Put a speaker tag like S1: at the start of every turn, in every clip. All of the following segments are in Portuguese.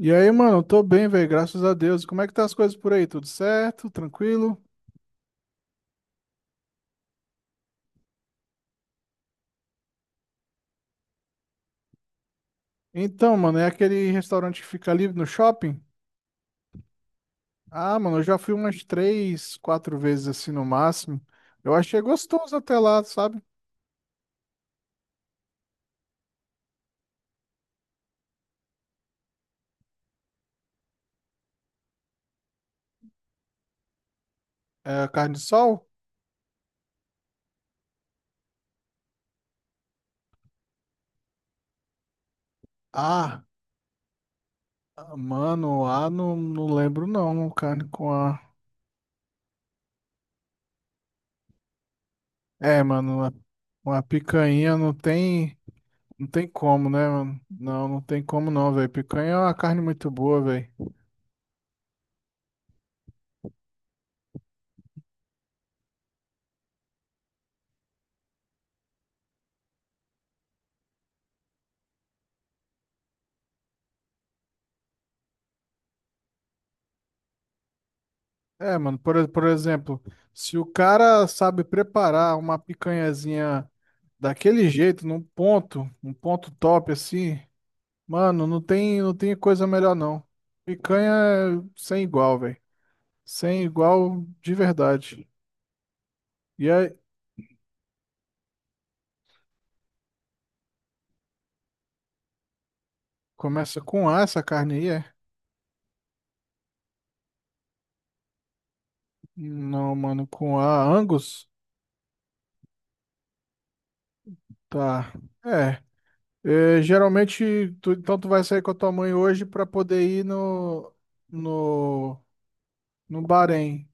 S1: E aí, mano, eu tô bem, velho, graças a Deus. Como é que tá as coisas por aí? Tudo certo? Tranquilo? Então, mano, é aquele restaurante que fica ali no shopping? Ah, mano, eu já fui umas três, quatro vezes assim no máximo. Eu achei gostoso até lá, sabe? É, carne de sol? Ah, mano, não, não lembro não, carne com a... É, mano, uma picanha não tem... Não tem como, né, mano? Não, não tem como não, velho. Picanha é uma carne muito boa, velho. É, mano, por exemplo, se o cara sabe preparar uma picanhazinha daquele jeito, um ponto top assim. Mano, não tem coisa melhor não. Picanha é sem igual, velho. Sem igual de verdade. E aí, começa com A essa carne aí, é? Não, mano, com A, Angus? Tá. É. É, geralmente, então tu vai sair com a tua mãe hoje pra poder ir no, no Bahrein.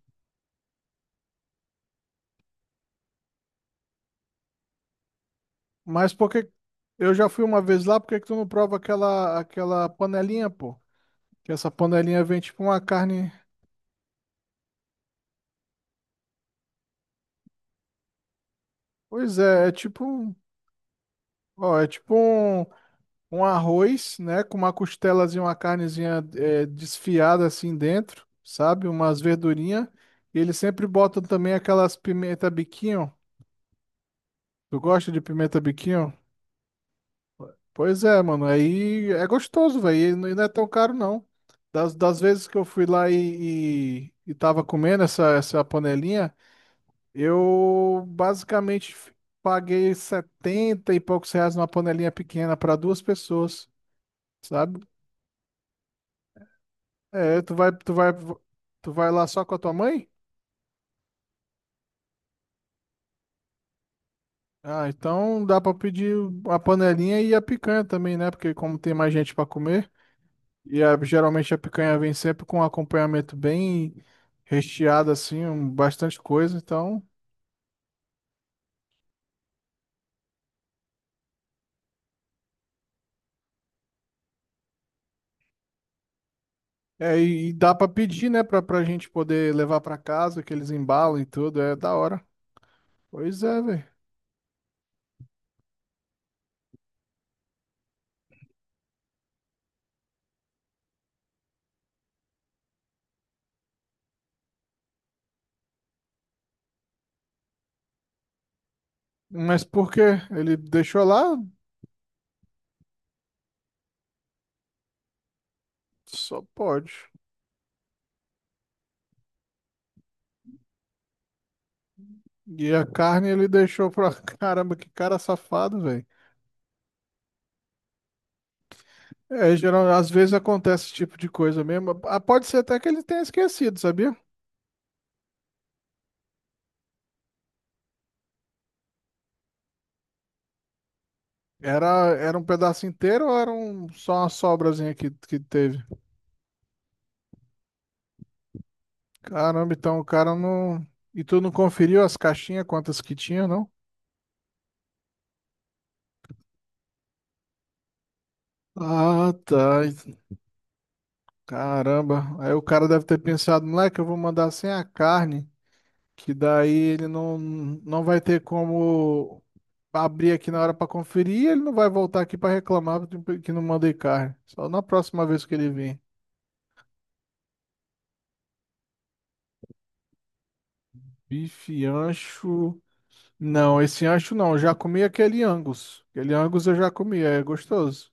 S1: Mas por que eu já fui uma vez lá, por que que tu não prova aquela panelinha, pô? Que essa panelinha vem tipo uma carne. Pois é, é tipo. Ó, é tipo um arroz, né? Com uma costelazinha, uma carnezinha desfiada assim dentro, sabe? Umas verdurinhas. E eles sempre botam também aquelas pimenta biquinho. Tu gosta de pimenta biquinho? Pois é, mano. Aí é gostoso, velho. E não é tão caro, não. Das vezes que eu fui lá e tava comendo essa panelinha, eu basicamente paguei 70 e poucos reais numa panelinha pequena para duas pessoas. Sabe? É, tu vai lá só com a tua mãe? Ah, então dá pra pedir a panelinha e a picanha também, né? Porque como tem mais gente pra comer, e geralmente a picanha vem sempre com um acompanhamento bem recheado, assim, bastante coisa, então. É, e dá pra pedir, né? Pra gente poder levar pra casa, que eles embalam e tudo, é da hora. Pois é, velho. Mas por quê? Ele deixou lá? Só pode. E a carne ele deixou pra. Caramba, que cara safado, velho. É, geral, às vezes acontece esse tipo de coisa mesmo. Ah, pode ser até que ele tenha esquecido, sabia? Era um pedaço inteiro ou só uma sobrazinha que teve? Caramba, então o cara não. E tu não conferiu as caixinhas, quantas que tinha, não? Ah, tá. Caramba. Aí o cara deve ter pensado, moleque, eu vou mandar sem a carne, que daí ele não vai ter como abrir aqui na hora pra conferir e ele não vai voltar aqui pra reclamar que não mandei carne. Só na próxima vez que ele vir. Bife ancho. Não, esse ancho não. Eu já comi aquele Angus. Aquele Angus eu já comi, é gostoso.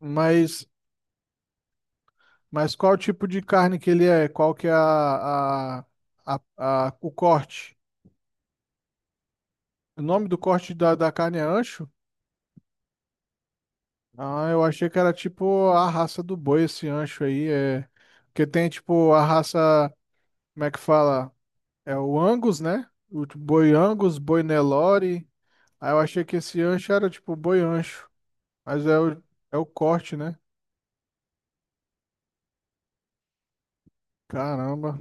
S1: Mas, mas qual tipo de carne que ele é? Qual que é a, o corte? O nome do corte da carne é ancho? Ah, eu achei que era tipo a raça do boi, esse ancho aí. É... Porque tem tipo a raça, como é que fala? É o Angus, né? O boi Angus, boi Nelore. Aí eu achei que esse ancho era tipo boi ancho. Mas é o corte, né? Caramba.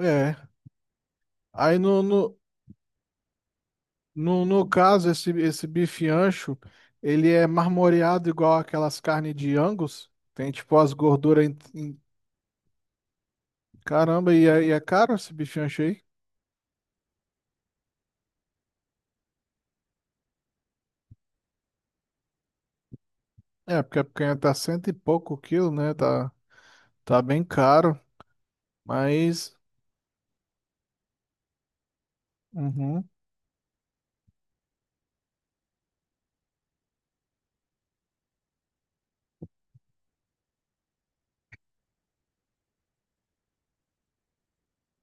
S1: É. Aí no caso, esse bife ancho, ele é marmoreado igual aquelas carnes de Angus. Tem tipo as gorduras. Caramba, e é caro esse bife ancho aí? É, porque a picanha tá 100 e pouco quilo, né? Tá, tá bem caro. Mas. Uhum,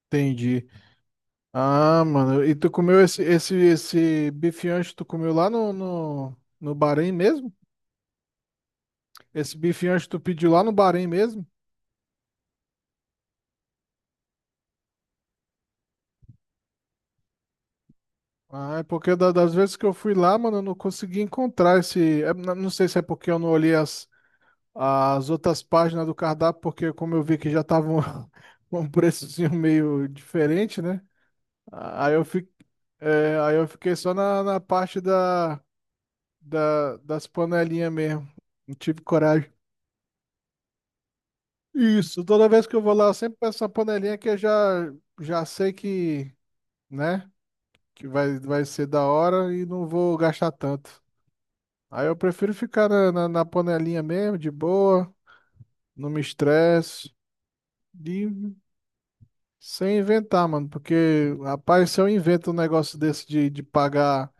S1: entendi. Ah, mano. E tu comeu esse bife ancho, tu comeu lá no, Bahrein mesmo? Esse bifinho acho que tu pediu lá no Bahrein mesmo? Ah, é porque das vezes que eu fui lá, mano, eu não consegui encontrar esse. Não sei se é porque eu não olhei as outras páginas do cardápio, porque como eu vi que já estavam com um preçozinho meio diferente, né? Ah, aí eu fiquei só na parte das panelinhas mesmo. Não tive coragem. Isso, toda vez que eu vou lá, eu sempre peço uma panelinha que eu já sei que, né? Que vai ser da hora e não vou gastar tanto. Aí eu prefiro ficar na panelinha mesmo, de boa, não me estresse, e sem inventar, mano, porque, rapaz, se eu invento um negócio desse de pagar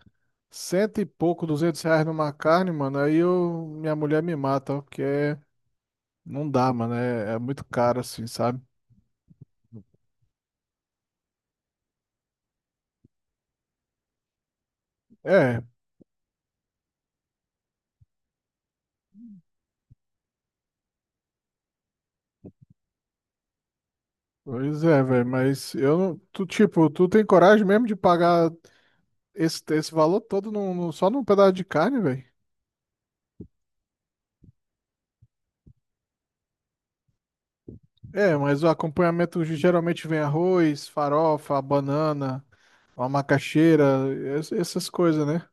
S1: 100 e pouco, 200 reais numa carne, mano, minha mulher me mata, ó, porque não dá, mano, é muito caro assim, sabe? É, pois é, velho, mas eu não, tu, tipo, tu tem coragem mesmo de pagar esse valor todo só num pedaço de carne, velho? É, mas o acompanhamento geralmente vem arroz, farofa, banana, uma macaxeira, essas coisas, né?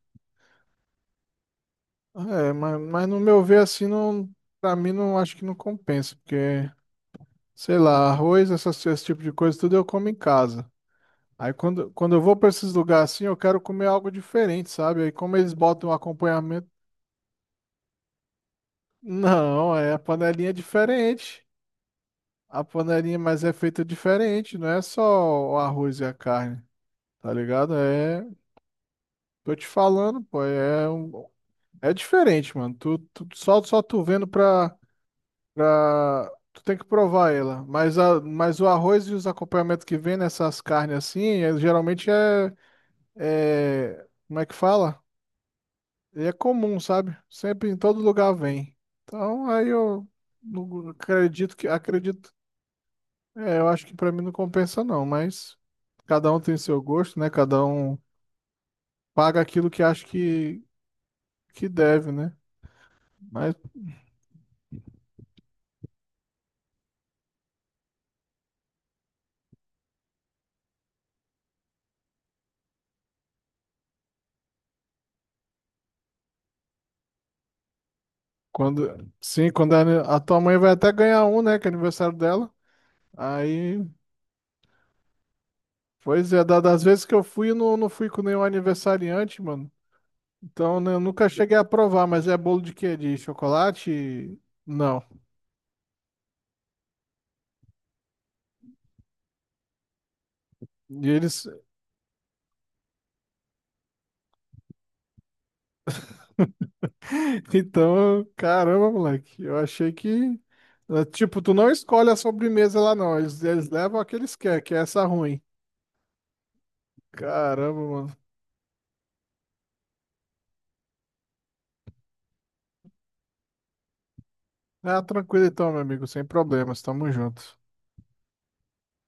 S1: É, mas no meu ver, assim, não, pra mim, não acho que não compensa, porque, sei lá, arroz, esse tipo de coisa, tudo eu como em casa. Aí quando eu vou pra esses lugares assim, eu quero comer algo diferente, sabe? Aí como eles botam um acompanhamento, não, é a panelinha é diferente. A panelinha, mas é feita diferente, não é só o arroz e a carne, tá ligado? É. Tô te falando, pô, é diferente, mano. Só tu vendo pra. Tu tem que provar ela. Mas o arroz e os acompanhamentos que vem nessas carnes assim, geralmente é. Como é que fala? É comum, sabe? Sempre em todo lugar vem. Então aí eu não acredito que. Acredito. É, eu acho que pra mim não compensa, não, mas cada um tem seu gosto, né? Cada um paga aquilo que, acha que deve, né? Mas sim, quando a tua mãe vai até ganhar um, né? Que é aniversário dela. Aí, pois é, das vezes que eu fui, eu não fui com nenhum aniversariante, mano. Então, né, eu nunca cheguei a provar, mas é bolo de quê? De chocolate? Não. E eles. Então, caramba, moleque. Eu achei que. Tipo, tu não escolhe a sobremesa lá, não. Eles levam a que eles querem, que é essa ruim. Caramba, mano. Ah, tranquilo então, meu amigo, sem problemas. Tamo junto.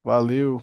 S1: Valeu.